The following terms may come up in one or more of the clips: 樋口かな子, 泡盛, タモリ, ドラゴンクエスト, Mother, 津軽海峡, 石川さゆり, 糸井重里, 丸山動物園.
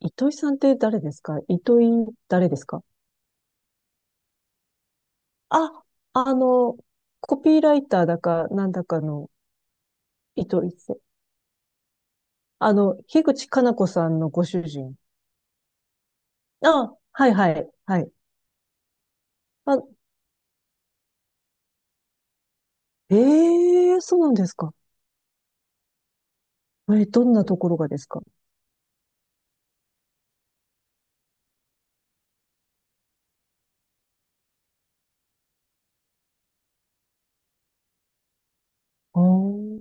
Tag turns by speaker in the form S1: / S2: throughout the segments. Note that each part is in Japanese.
S1: 糸井さんって誰ですか？糸井誰ですか？あ、あの、コピーライターだか、なんだかの糸井さん。樋口かな子さんのご主人。あ、はいはい、はい。あ、ええー、そうなんですか。え、どんなところがですか？あー、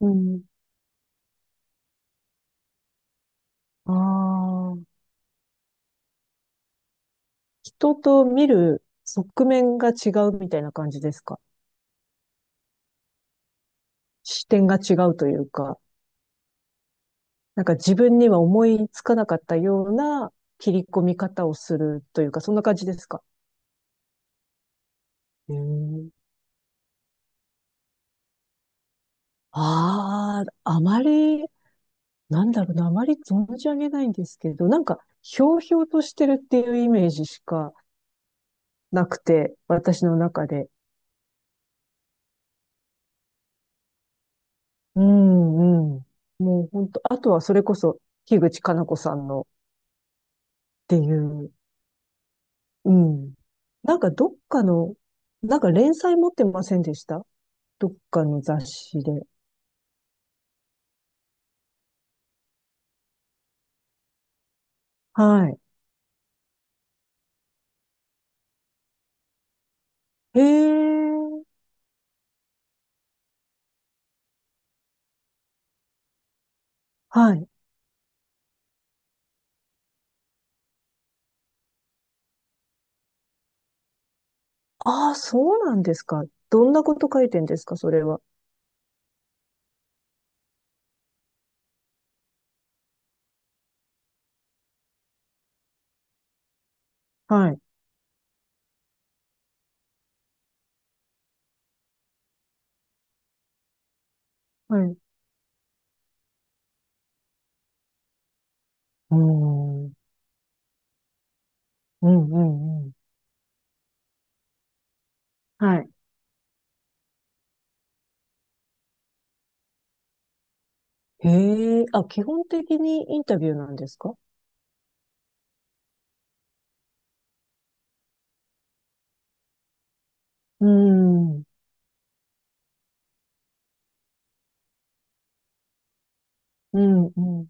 S1: うん。ああ、人と見る側面が違うみたいな感じですか？視点が違うというか。なんか自分には思いつかなかったような切り込み方をするというか、そんな感じですか？うん。ああ、あまり、なんだろうな、あまり存じ上げないんですけど、なんか、ひょうひょうとしてるっていうイメージしかなくて、私の中で。うんうん。もう本当、あとはそれこそ、樋口かな子さんのっていう、うん。なんかどっかの、なんか連載持ってませんでした？どっかの雑誌で。はい。へえ、はい。ああ、そうなんですか。どんなこと書いてんですか、それは。はい。はい。うーん。うん、うん、うん。はい。へえ、あ、基本的にインタビューなんですか？うーん。うん、うん、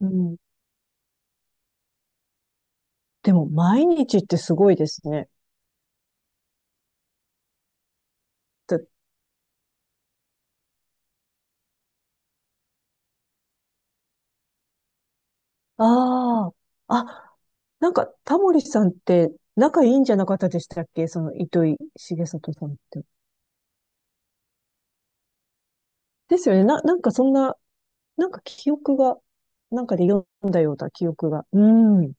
S1: うん。でも、毎日ってすごいですね。だああ、あ、なんか、タモリさんって仲いいんじゃなかったでしたっけ？その、糸井重里さんって。ですよね。な、なんかそんななんか記憶が、なんかで読んだような記憶が。うん。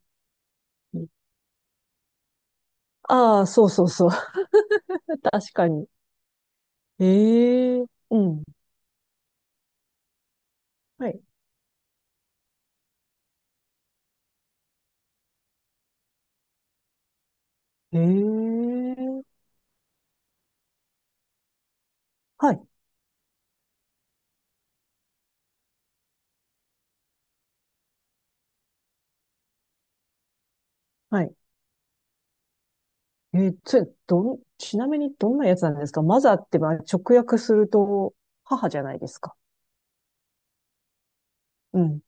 S1: ああ、そうそうそう。確かに。ええうん。はい。ええはい。はい。えー、それ、どん、ちなみにどんなやつなんですか？マザーって、まあ、直訳すると、母じゃないですか。うん。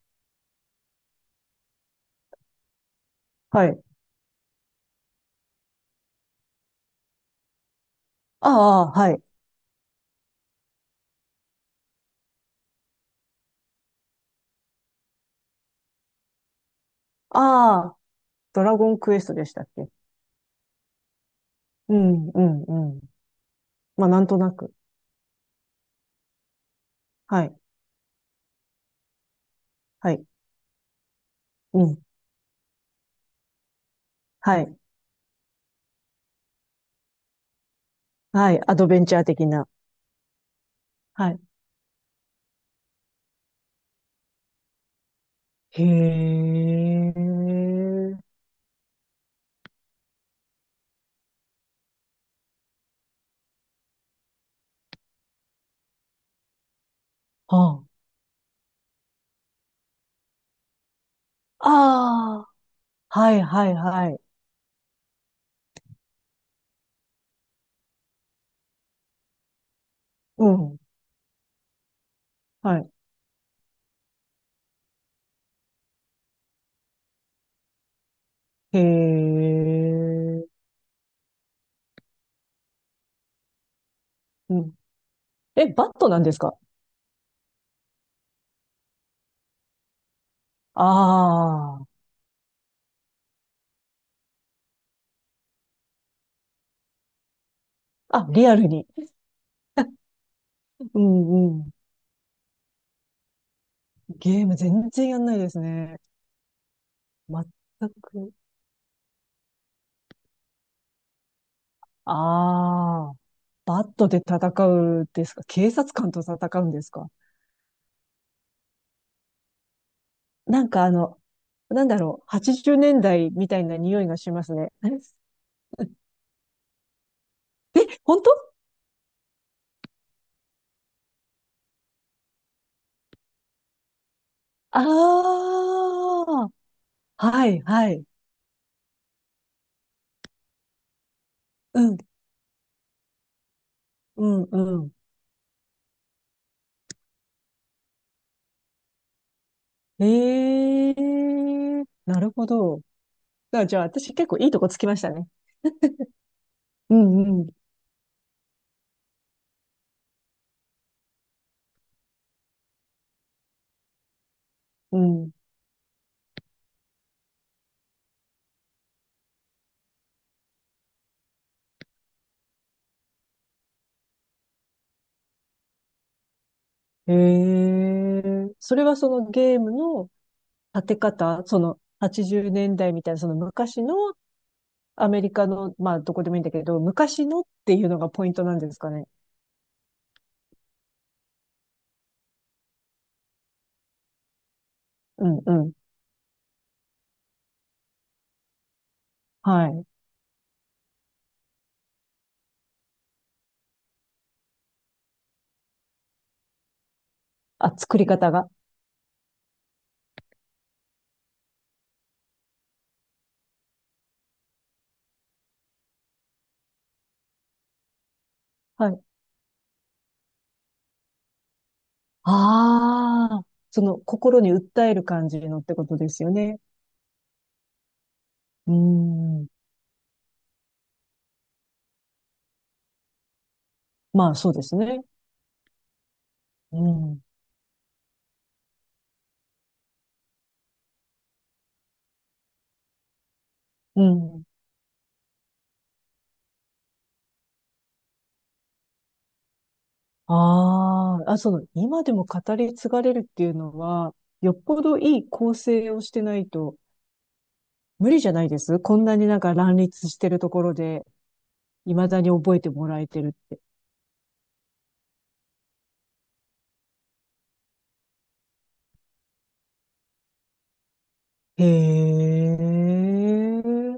S1: はい。ああ、はい。ああ、ドラゴンクエストでしたっけ？うん、うん、うん。まあ、なんとなく。はい。はい。うん。はい。はい。アドベンチャー的な。はい。へえ。はあ。ああ。はいはいはい。うん。はい。へえ。うん。え、バットなんですか？ああ。あ、リアルに。うんうん。ゲーム全然やんないですね。全く。ああ。バットで戦うんですか？警察官と戦うんですか？なんかあの、なんだろう。80年代みたいな匂いがしますね。え本当？ああ、はい、はい。うん、うん、うん。ええなるほど。だじゃあ、私結構いいとこつきましたね。うん、うん、うん。ええそれはそのゲームの立て方、その80年代みたいな、その昔のアメリカの、まあ、どこでもいいんだけど、昔のっていうのがポイントなんですかね。うん、うん。はい。あ、作り方が。はい。ああ、その心に訴える感じのってことですよね。うーん。まあそうですね。うん。うん。ああ、あ、その、今でも語り継がれるっていうのは、よっぽどいい構成をしてないと無理じゃないですこんなになんか乱立してるところで、未だに覚えてもらえてるって。へえ、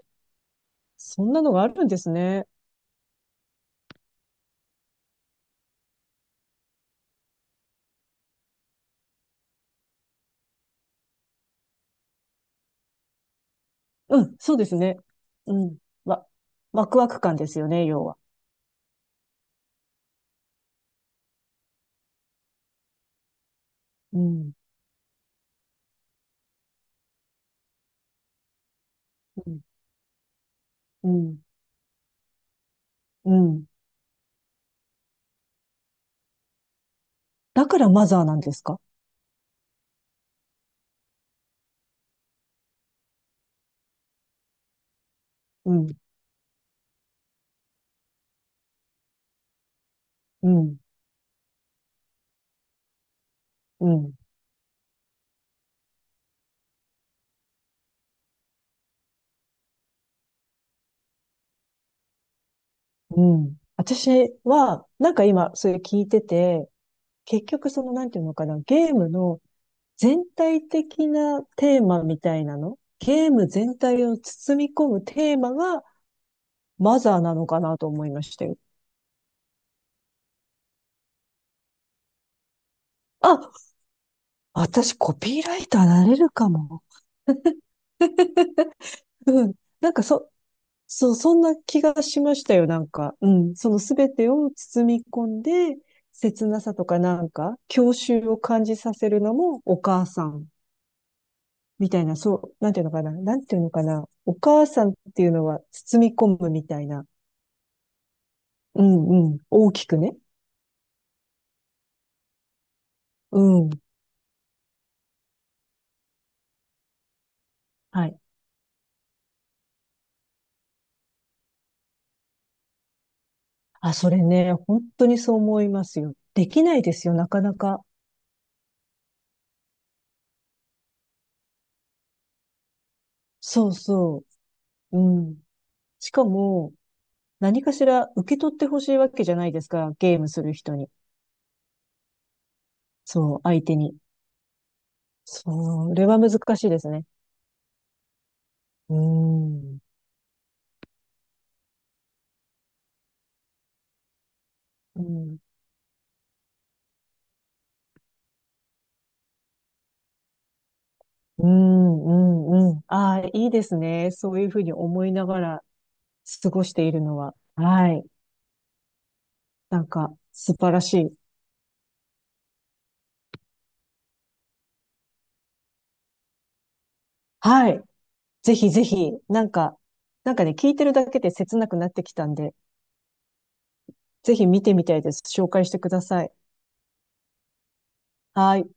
S1: そんなのがあるんですね。うん、そうですね。うん。わ、ワクワク感ですよね、要は。うん。うん、うん、うん。だからマザーなんですか？うん、うん、うん、うん。私は、なんか今、それ聞いてて、結局その、なんていうのかな、ゲームの全体的なテーマみたいなのゲーム全体を包み込むテーマがマザーなのかなと思いましたよ。あ、私コピーライターなれるかも。うん。なんかそ、そう、そんな気がしましたよ、なんか。うん。そのすべてを包み込んで、切なさとかなんか、郷愁を感じさせるのもお母さんみたいな、そう、なんていうのかな、なんていうのかな、お母さんっていうのは包み込むみたいな。うんうん。大きくね。うん。はい。あ、それね、本当にそう思いますよ。できないですよ、なかなか。そうそう。うん。しかも、何かしら受け取ってほしいわけじゃないですか、ゲームする人に。そう、相手に。それは難しいですね。うーん。うん。うん、うん、うん。ああ、いいですね。そういうふうに思いながら過ごしているのは。はい。なんか、素晴らしい。はい。ぜひぜひ、なんか、なんかね、聞いてるだけで切なくなってきたんで、ぜひ見てみたいです。紹介してください。はい。